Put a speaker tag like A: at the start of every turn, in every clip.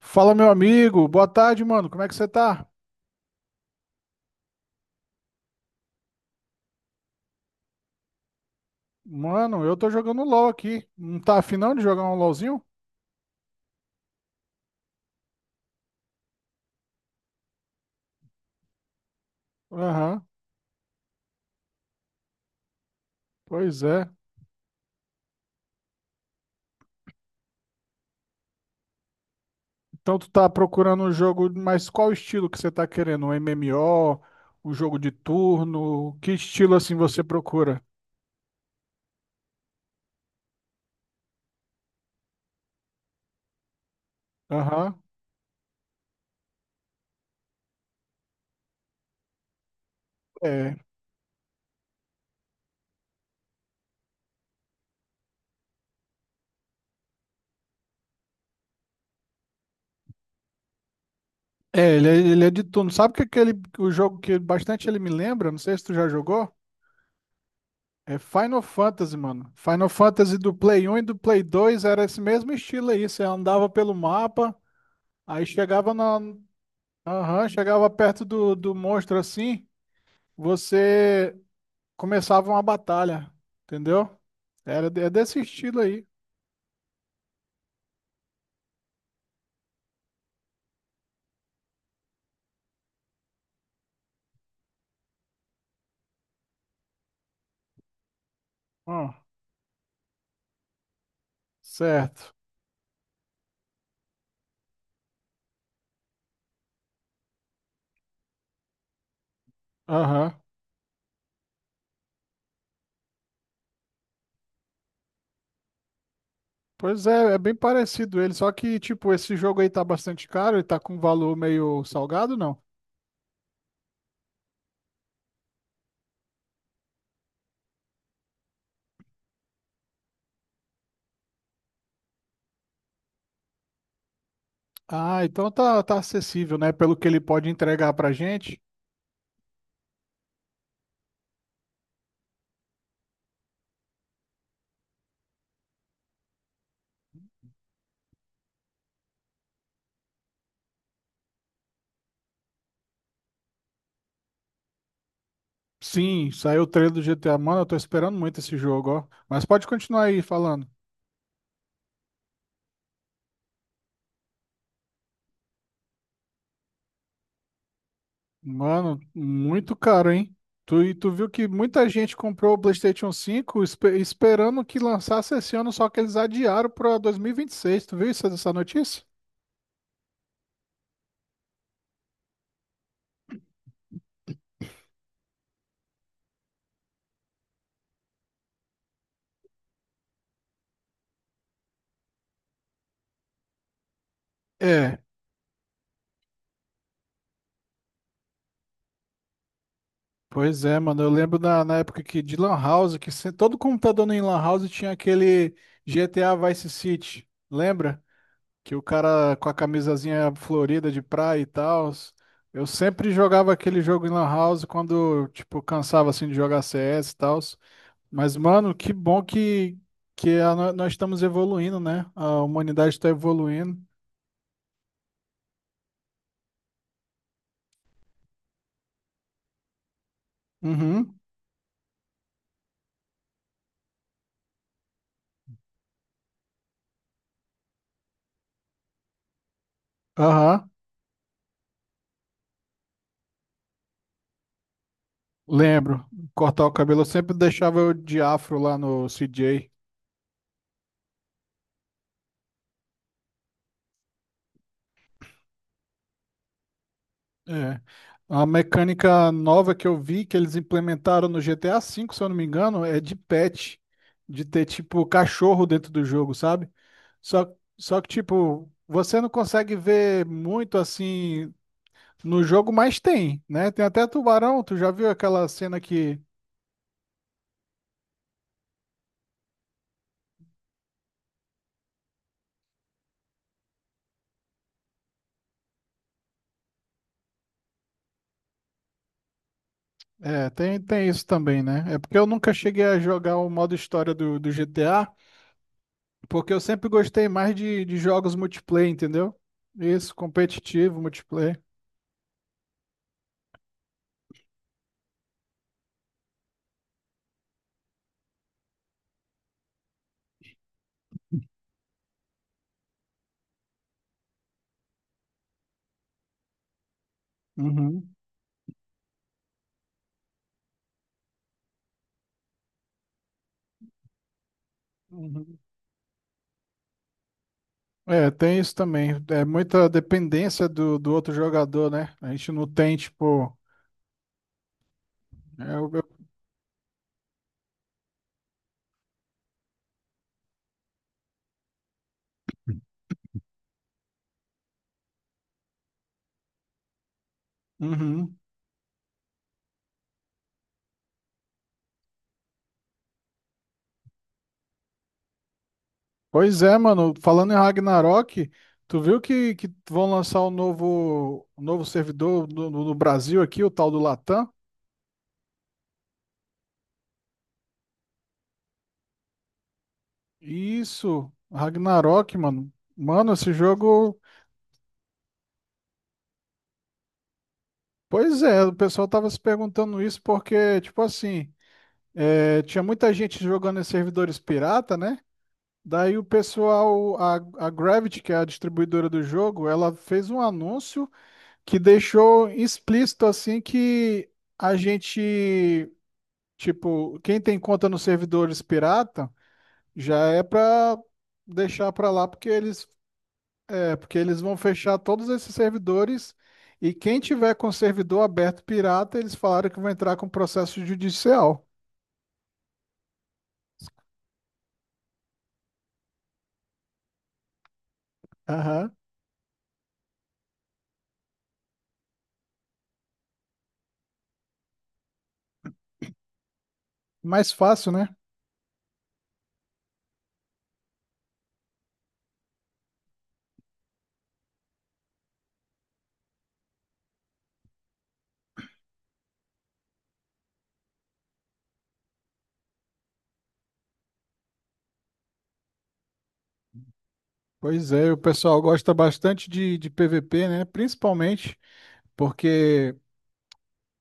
A: Fala, meu amigo. Boa tarde, mano. Como é que você tá? Mano, eu tô jogando LOL aqui. Não tá afim não de jogar um LOLzinho? Aham, pois é. Então tu tá procurando um jogo, mas qual estilo que você tá querendo? Um MMO? Um jogo de turno? Que estilo assim você procura? Aham, é. É, ele é de turno. Sabe que aquele, o jogo que bastante ele me lembra? Não sei se tu já jogou. É Final Fantasy, mano. Final Fantasy do Play 1 e do Play 2 era esse mesmo estilo aí. Você andava pelo mapa. Aí chegava na, aham, chegava perto do monstro assim, você começava uma batalha, entendeu? É desse estilo aí. Ó, certo. Aham. Pois é, é bem parecido ele, só que tipo, esse jogo aí tá bastante caro, ele tá com um valor meio salgado, não? Ah, então tá, tá acessível, né? Pelo que ele pode entregar pra gente. Sim, saiu o trailer do GTA. Mano, eu tô esperando muito esse jogo, ó. Mas pode continuar aí falando. Mano, muito caro, hein? E tu viu que muita gente comprou o PlayStation 5 esperando que lançasse esse ano, só que eles adiaram para dois mil e vinte e seis. Tu viu isso, essa notícia? É, pois é, mano. Eu lembro na época que de Lan House, que se- todo computador em Lan House tinha aquele GTA Vice City. Lembra? Que o cara com a camisazinha florida de praia e tal. Eu sempre jogava aquele jogo em Lan House quando, tipo, cansava assim de jogar CS e tal. Mas, mano, que bom que a no- nós estamos evoluindo, né? A humanidade está evoluindo. Uhum. Aham. Lembro. Cortar o cabelo, eu sempre deixava eu de afro lá no CJ. É. A mecânica nova que eu vi, que eles implementaram no GTA V, se eu não me engano, é de pet. De ter, tipo, cachorro dentro do jogo, sabe? Só, só que, tipo, você não consegue ver muito assim. No jogo mais tem, né? Tem até tubarão, tu já viu aquela cena que. É, tem isso também, né? É porque eu nunca cheguei a jogar o modo história do GTA, porque eu sempre gostei mais de jogos multiplayer, entendeu? Isso, competitivo, multiplayer. Uhum, uhum. É, tem isso também. É muita dependência do outro jogador, né? A gente não tem, tipo. É. Uhum. Pois é, mano. Falando em Ragnarok, tu viu que vão lançar o novo servidor no Brasil aqui, o tal do Latam? Isso, Ragnarok, mano. Mano, esse jogo. Pois é, o pessoal tava se perguntando isso porque, tipo assim, tinha muita gente jogando em servidores pirata, né? Daí a Gravity, que é a distribuidora do jogo, ela fez um anúncio que deixou explícito assim que a gente tipo, quem tem conta nos servidores pirata já é para deixar para lá porque eles vão fechar todos esses servidores e quem tiver com servidor aberto pirata, eles falaram que vão entrar com processo judicial. Aham. Mais fácil, né? Pois é, o pessoal gosta bastante de PVP, né? Principalmente porque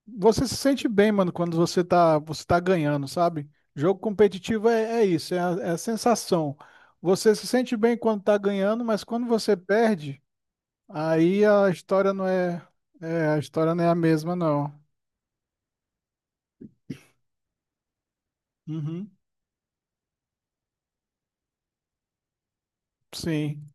A: você se sente bem, mano, quando você tá ganhando, sabe? Jogo competitivo é isso, é a sensação. Você se sente bem quando tá ganhando, mas quando você perde, aí a história não é a mesma, não. Uhum, sim.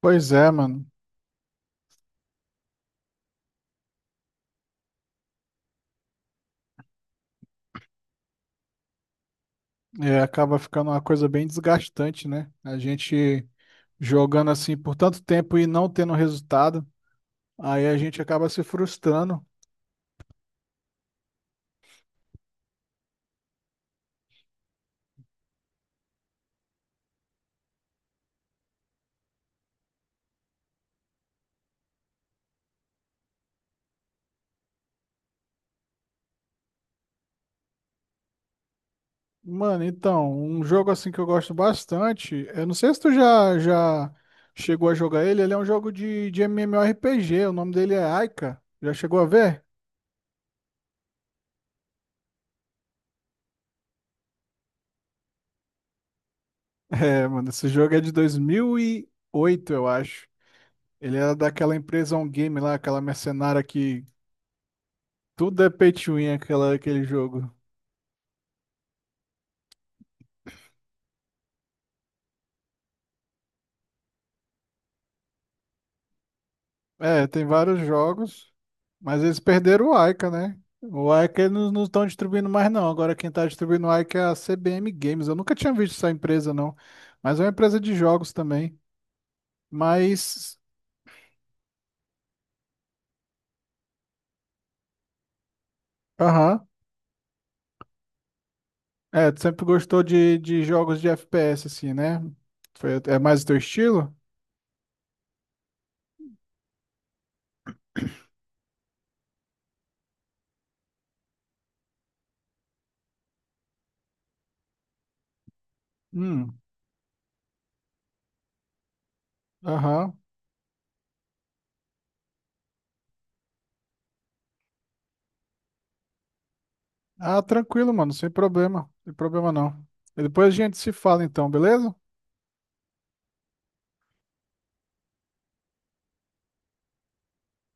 A: Pois é, mano. É, acaba ficando uma coisa bem desgastante, né? A gente jogando assim por tanto tempo e não tendo resultado, aí a gente acaba se frustrando. Mano, então, um jogo assim que eu gosto bastante, eu não sei se tu já chegou a jogar ele, ele é um jogo de MMORPG, o nome dele é Aika, já chegou a ver? É, mano, esse jogo é de 2008, eu acho. Ele era daquela empresa On Game lá, aquela mercenária que tudo é pay to win, aquele jogo. É, tem vários jogos, mas eles perderam o Aika, né? O Aika eles não estão distribuindo mais, não. Agora quem está distribuindo o Aika é a CBM Games. Eu nunca tinha visto essa empresa, não. Mas é uma empresa de jogos também. Mas, aham. É, tu sempre gostou de jogos de FPS, assim, né? É mais o teu estilo? Hum, aham. Ah, tranquilo, mano, sem problema. Sem problema, não. E depois a gente se fala, então, beleza?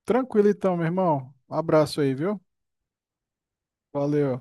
A: Tranquilo, então, meu irmão. Um abraço aí, viu? Valeu.